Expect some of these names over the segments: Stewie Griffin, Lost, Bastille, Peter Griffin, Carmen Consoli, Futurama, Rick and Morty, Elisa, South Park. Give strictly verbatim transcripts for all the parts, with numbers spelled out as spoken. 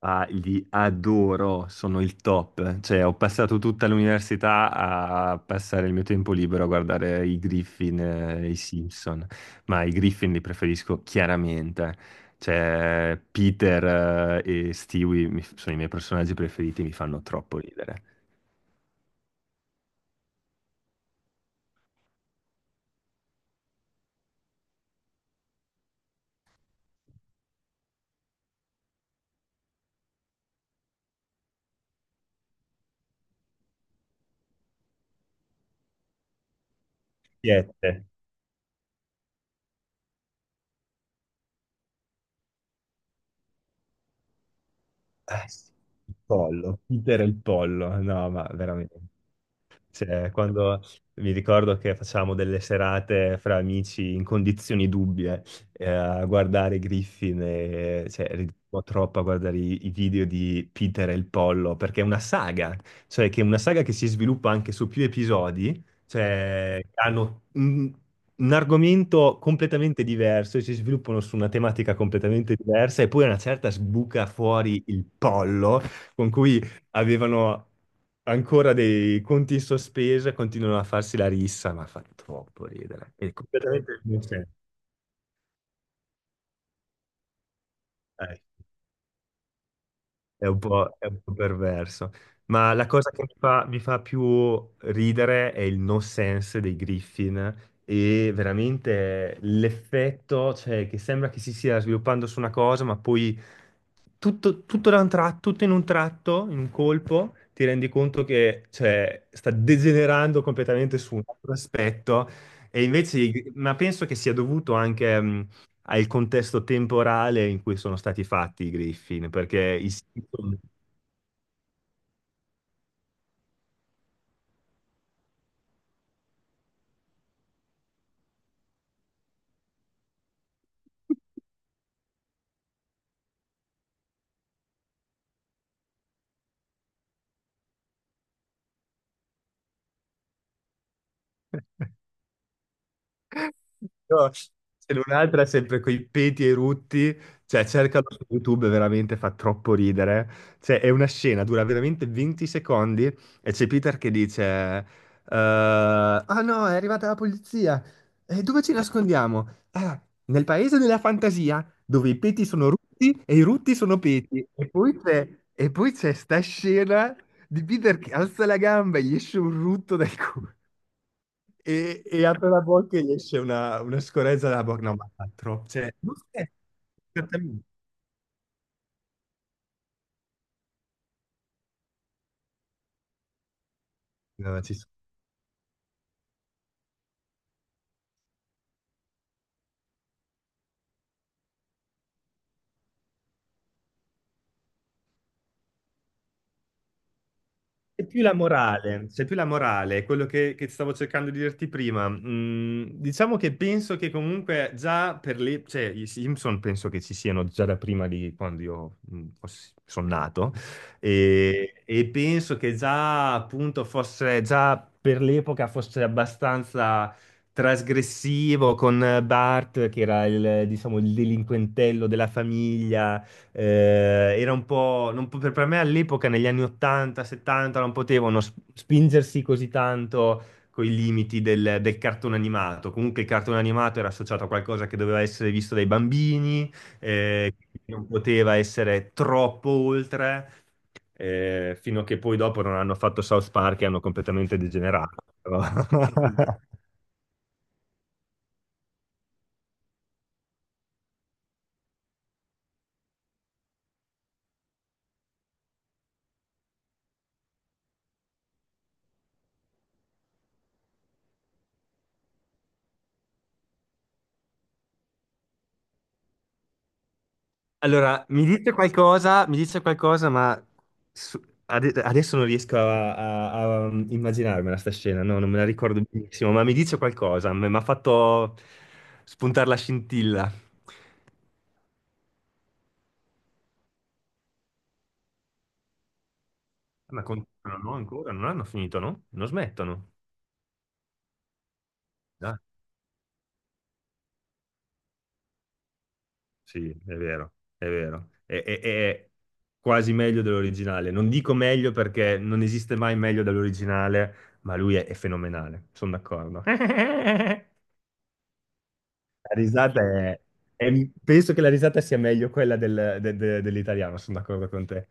Ah, li adoro, sono il top. Cioè, ho passato tutta l'università a passare il mio tempo libero a guardare i Griffin e i Simpson, ma i Griffin li preferisco chiaramente. Cioè, Peter eh, e Stewie mi- sono i miei personaggi preferiti, mi fanno troppo ridere. Siete. Eh, sì, il pollo, Peter e il pollo, no, ma veramente. Cioè, quando mi ricordo che facciamo delle serate fra amici in condizioni dubbie eh, a guardare Griffin, e, cioè, ridevamo troppo a guardare i, i video di Peter e il Pollo, perché è una saga, cioè che è una saga che si sviluppa anche su più episodi, cioè hanno un, un argomento completamente diverso e si sviluppano su una tematica completamente diversa e poi a una certa sbuca fuori il Pollo con cui avevano ancora dei conti in sospeso e continuano a farsi la rissa, ma fa troppo ridere. È completamente non c'è. Eh. È un po', è un po' perverso. Ma la cosa che mi fa, mi fa più ridere è il no sense dei Griffin e veramente l'effetto, cioè, che sembra che si stia sviluppando su una cosa, ma poi tutto, tutto da un tratto, tutto in un tratto, in un colpo, ti rendi conto che, cioè, sta degenerando completamente su un altro aspetto. E invece, ma penso che sia dovuto anche. mh, al contesto temporale in cui sono stati fatti i Griffin, perché i Simpson... No, se non altro è sempre coi peti e i rutti, cioè cercalo su YouTube, veramente fa troppo ridere. Cioè, è una scena, dura veramente venti secondi e c'è Peter che dice: eh, "Ah no, è arrivata la polizia. E dove ci nascondiamo? Ah, nel paese della fantasia, dove i peti sono rutti e i rutti sono peti." E poi c'è e poi c'è sta scena di Peter che alza la gamba e gli esce un rutto dal culo. E, e apre la bocca e gli esce una, una scorezza dalla bocca. No, ma fa troppo. Cioè, non scherzo, esattamente. No, ci È più la morale, c'è più la morale, quello che, che stavo cercando di dirti prima. Mm, diciamo che penso che comunque già per le, cioè, i Simpson penso che ci siano già da prima di quando io mm, ho- sono nato e, e penso che già appunto fosse, già per l'epoca fosse abbastanza trasgressivo con Bart, che era il, diciamo, il delinquentello della famiglia eh, era un po', non po- per per me all'epoca, negli anni ottanta, settanta, non potevano s- spingersi così tanto con i limiti del, del cartone animato. Comunque il cartone animato era associato a qualcosa che doveva essere visto dai bambini, eh, non poteva essere troppo oltre, eh, fino a che poi dopo non hanno fatto South Park e hanno completamente degenerato. Però. Allora, mi dice qualcosa, mi dice qualcosa, ma su- ade- adesso non riesco a, a- a immaginarmela sta scena, no, non me la ricordo benissimo, ma mi dice qualcosa, mi mi ha fatto spuntare la scintilla. Ma continuano, no? Ancora? Non hanno finito, no? Non smettono. Ah, sì, è vero, è vero. È, è- è quasi meglio dell'originale. Non dico meglio perché non esiste mai meglio dell'originale, ma lui è, è fenomenale, sono d'accordo. La risata è... è- Penso che la risata sia meglio quella del- de- de- dell'italiano, sono d'accordo con te.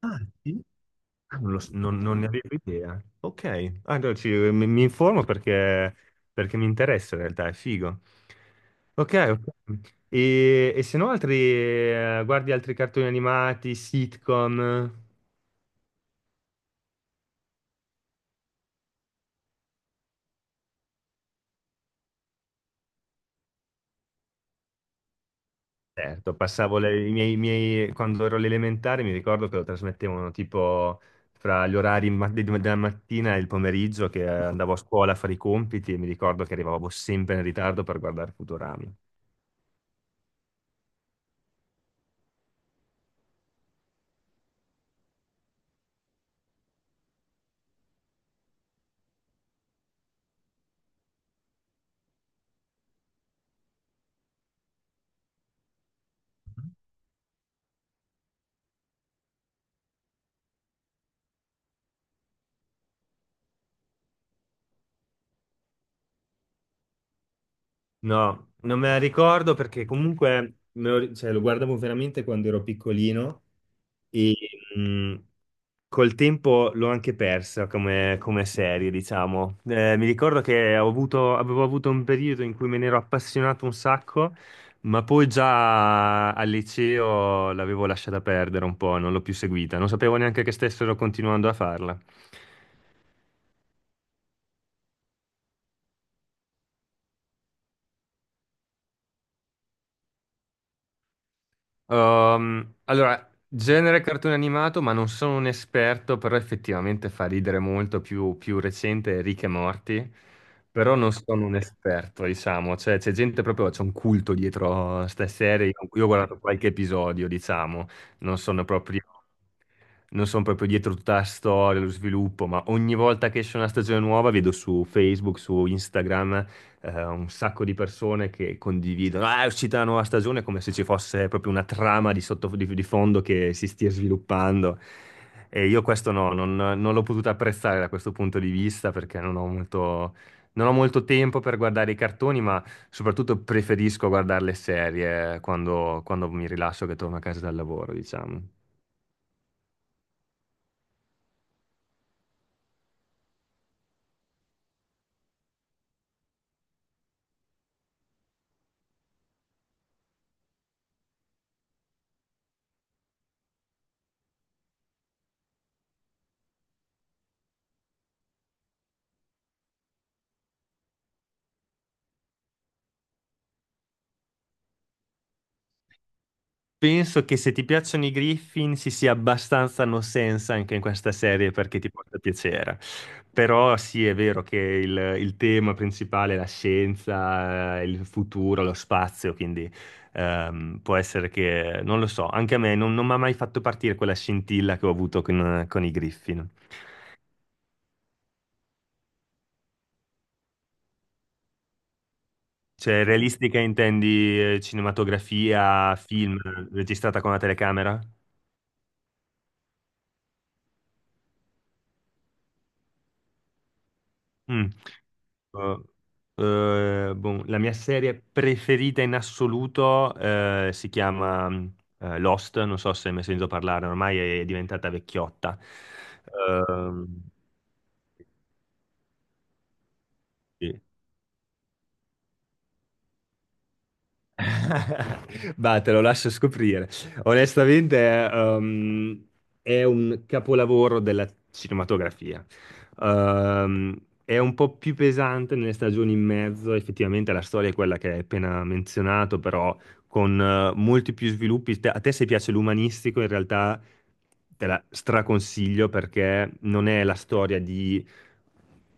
Ah, sì? Ah, Non, lo s- non- non ne avevo idea. Ok. Ah, allora ci- mi, mi informo perché, perché mi interessa in realtà, è figo. Ok, ok. E, e se no altri, eh, guardi altri cartoni animati, sitcom? Certo, passavo le- i miei, i miei- quando ero alle elementari mi ricordo che lo trasmettevano tipo fra gli orari ma- de- della mattina e il pomeriggio che eh, andavo a scuola a fare i compiti e mi ricordo che arrivavo sempre in ritardo per guardare Futurama. No, non me la ricordo perché comunque me lo, cioè, lo guardavo veramente quando ero piccolino e, mhmm, Col tempo l'ho anche persa come, come serie, diciamo. Eh, mi ricordo che ho avuto- avevo avuto un periodo in cui me ne ero appassionato un sacco, ma poi già al liceo l'avevo lasciata perdere un po', non l'ho più seguita, non sapevo neanche che stessero continuando a farla. Ehm, allora, genere cartone animato, ma non sono un esperto, però effettivamente fa ridere molto più, più recente Rick e Morty, però non sono un esperto, diciamo, cioè c'è gente proprio, c'è un culto dietro a ste serie, in cui io ho guardato qualche episodio, diciamo, non sono proprio, non sono proprio dietro tutta la storia, lo sviluppo, ma ogni volta che esce una stagione nuova vedo su Facebook, su Instagram eh, un sacco di persone che condividono, ah, è uscita la nuova stagione, come se ci fosse proprio una trama di, sotto, di, di fondo che si stia sviluppando. E io questo no, non, non l'ho potuto apprezzare da questo punto di vista perché non ho molto, non ho molto tempo per guardare i cartoni, ma soprattutto preferisco guardare le serie quando, quando mi rilasso che torno a casa dal lavoro, diciamo. Penso che se ti piacciono i Griffin si sia abbastanza no sense anche in questa serie perché ti porta piacere. Però sì, è vero che il, il tema principale è la scienza, eh, il futuro, lo spazio, quindi ehm, può essere che, non lo so, anche a me non, non mi ha mai fatto partire quella scintilla che ho avuto con, con i Griffin. Cioè, realistica intendi eh, cinematografia, film registrata con la telecamera? Mm. Eh, eh, boh, la mia serie preferita in assoluto eh, si chiama eh, Lost, non so se mi hai sentito parlare, ormai è diventata vecchiotta. Ehm, sì. Bah, te lo lascio scoprire. Onestamente, è ehm, è un capolavoro della cinematografia. Ehm, è un po' più pesante nelle stagioni in mezzo, effettivamente la storia è quella che hai appena menzionato, però con eh, molti più sviluppi. Te- a te se piace l'umanistico, in realtà te la straconsiglio perché non è la storia di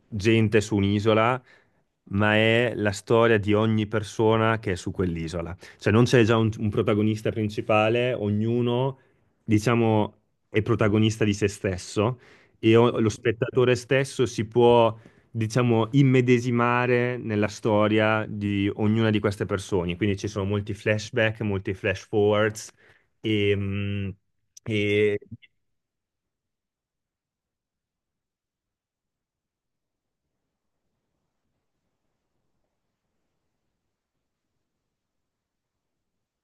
gente su un'isola ma è la storia di ogni persona che è su quell'isola. Cioè non c'è già un, un protagonista principale, ognuno, diciamo, è protagonista di se stesso e o- lo spettatore stesso si può, diciamo, immedesimare nella storia di ognuna di queste persone. Quindi ci sono molti flashback, molti flash forwards e... mm, e-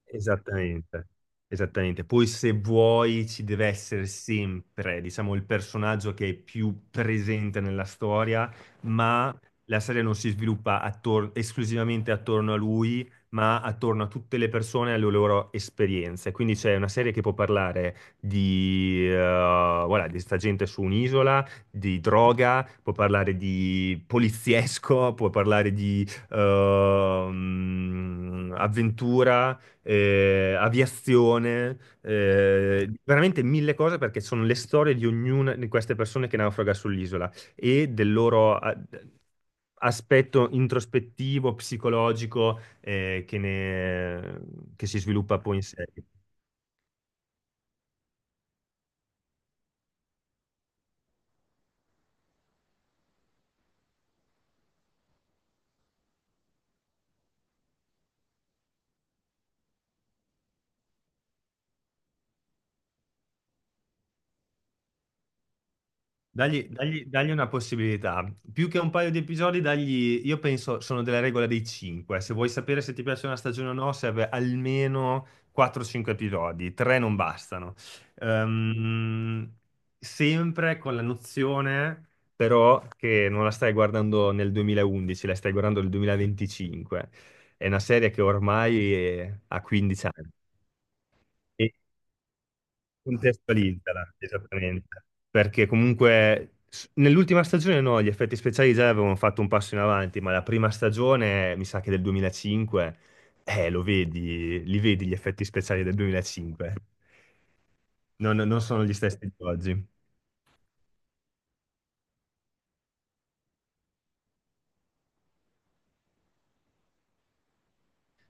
Esattamente, esattamente. Poi se vuoi ci deve essere sempre, diciamo, il personaggio che è più presente nella storia, ma la serie non si sviluppa attor- esclusivamente attorno a lui, ma attorno a tutte le persone e alle loro esperienze. Quindi c'è una serie che può parlare di, eh, voilà, di sta gente su un'isola, di droga, può parlare di poliziesco, può parlare di ehm, avventura eh, aviazione, eh, veramente mille cose perché sono le storie di ognuna di queste persone che naufraga sull'isola e del loro a- aspetto introspettivo, psicologico, eh, che ne- che si sviluppa poi in serie. Dagli, dagli- dagli una possibilità. Più che un paio di episodi, dagli, io penso, sono della regola dei cinque. Se vuoi sapere se ti piace una stagione o no, serve almeno quattro o cinque episodi. tre non bastano. Ehm, sempre con la nozione, però, che non la stai guardando nel duemilaundici, la stai guardando nel duemilaventicinque. È una serie che ormai è- ha quindici anni. Contestualizzala, esattamente, perché comunque s- nell'ultima stagione no, gli effetti speciali già avevano fatto un passo in avanti, ma la prima stagione, mi sa che del duemilacinque, eh, lo vedi, li vedi gli effetti speciali del duemilacinque. Non, non sono gli stessi di oggi.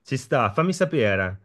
Ci sta, fammi sapere.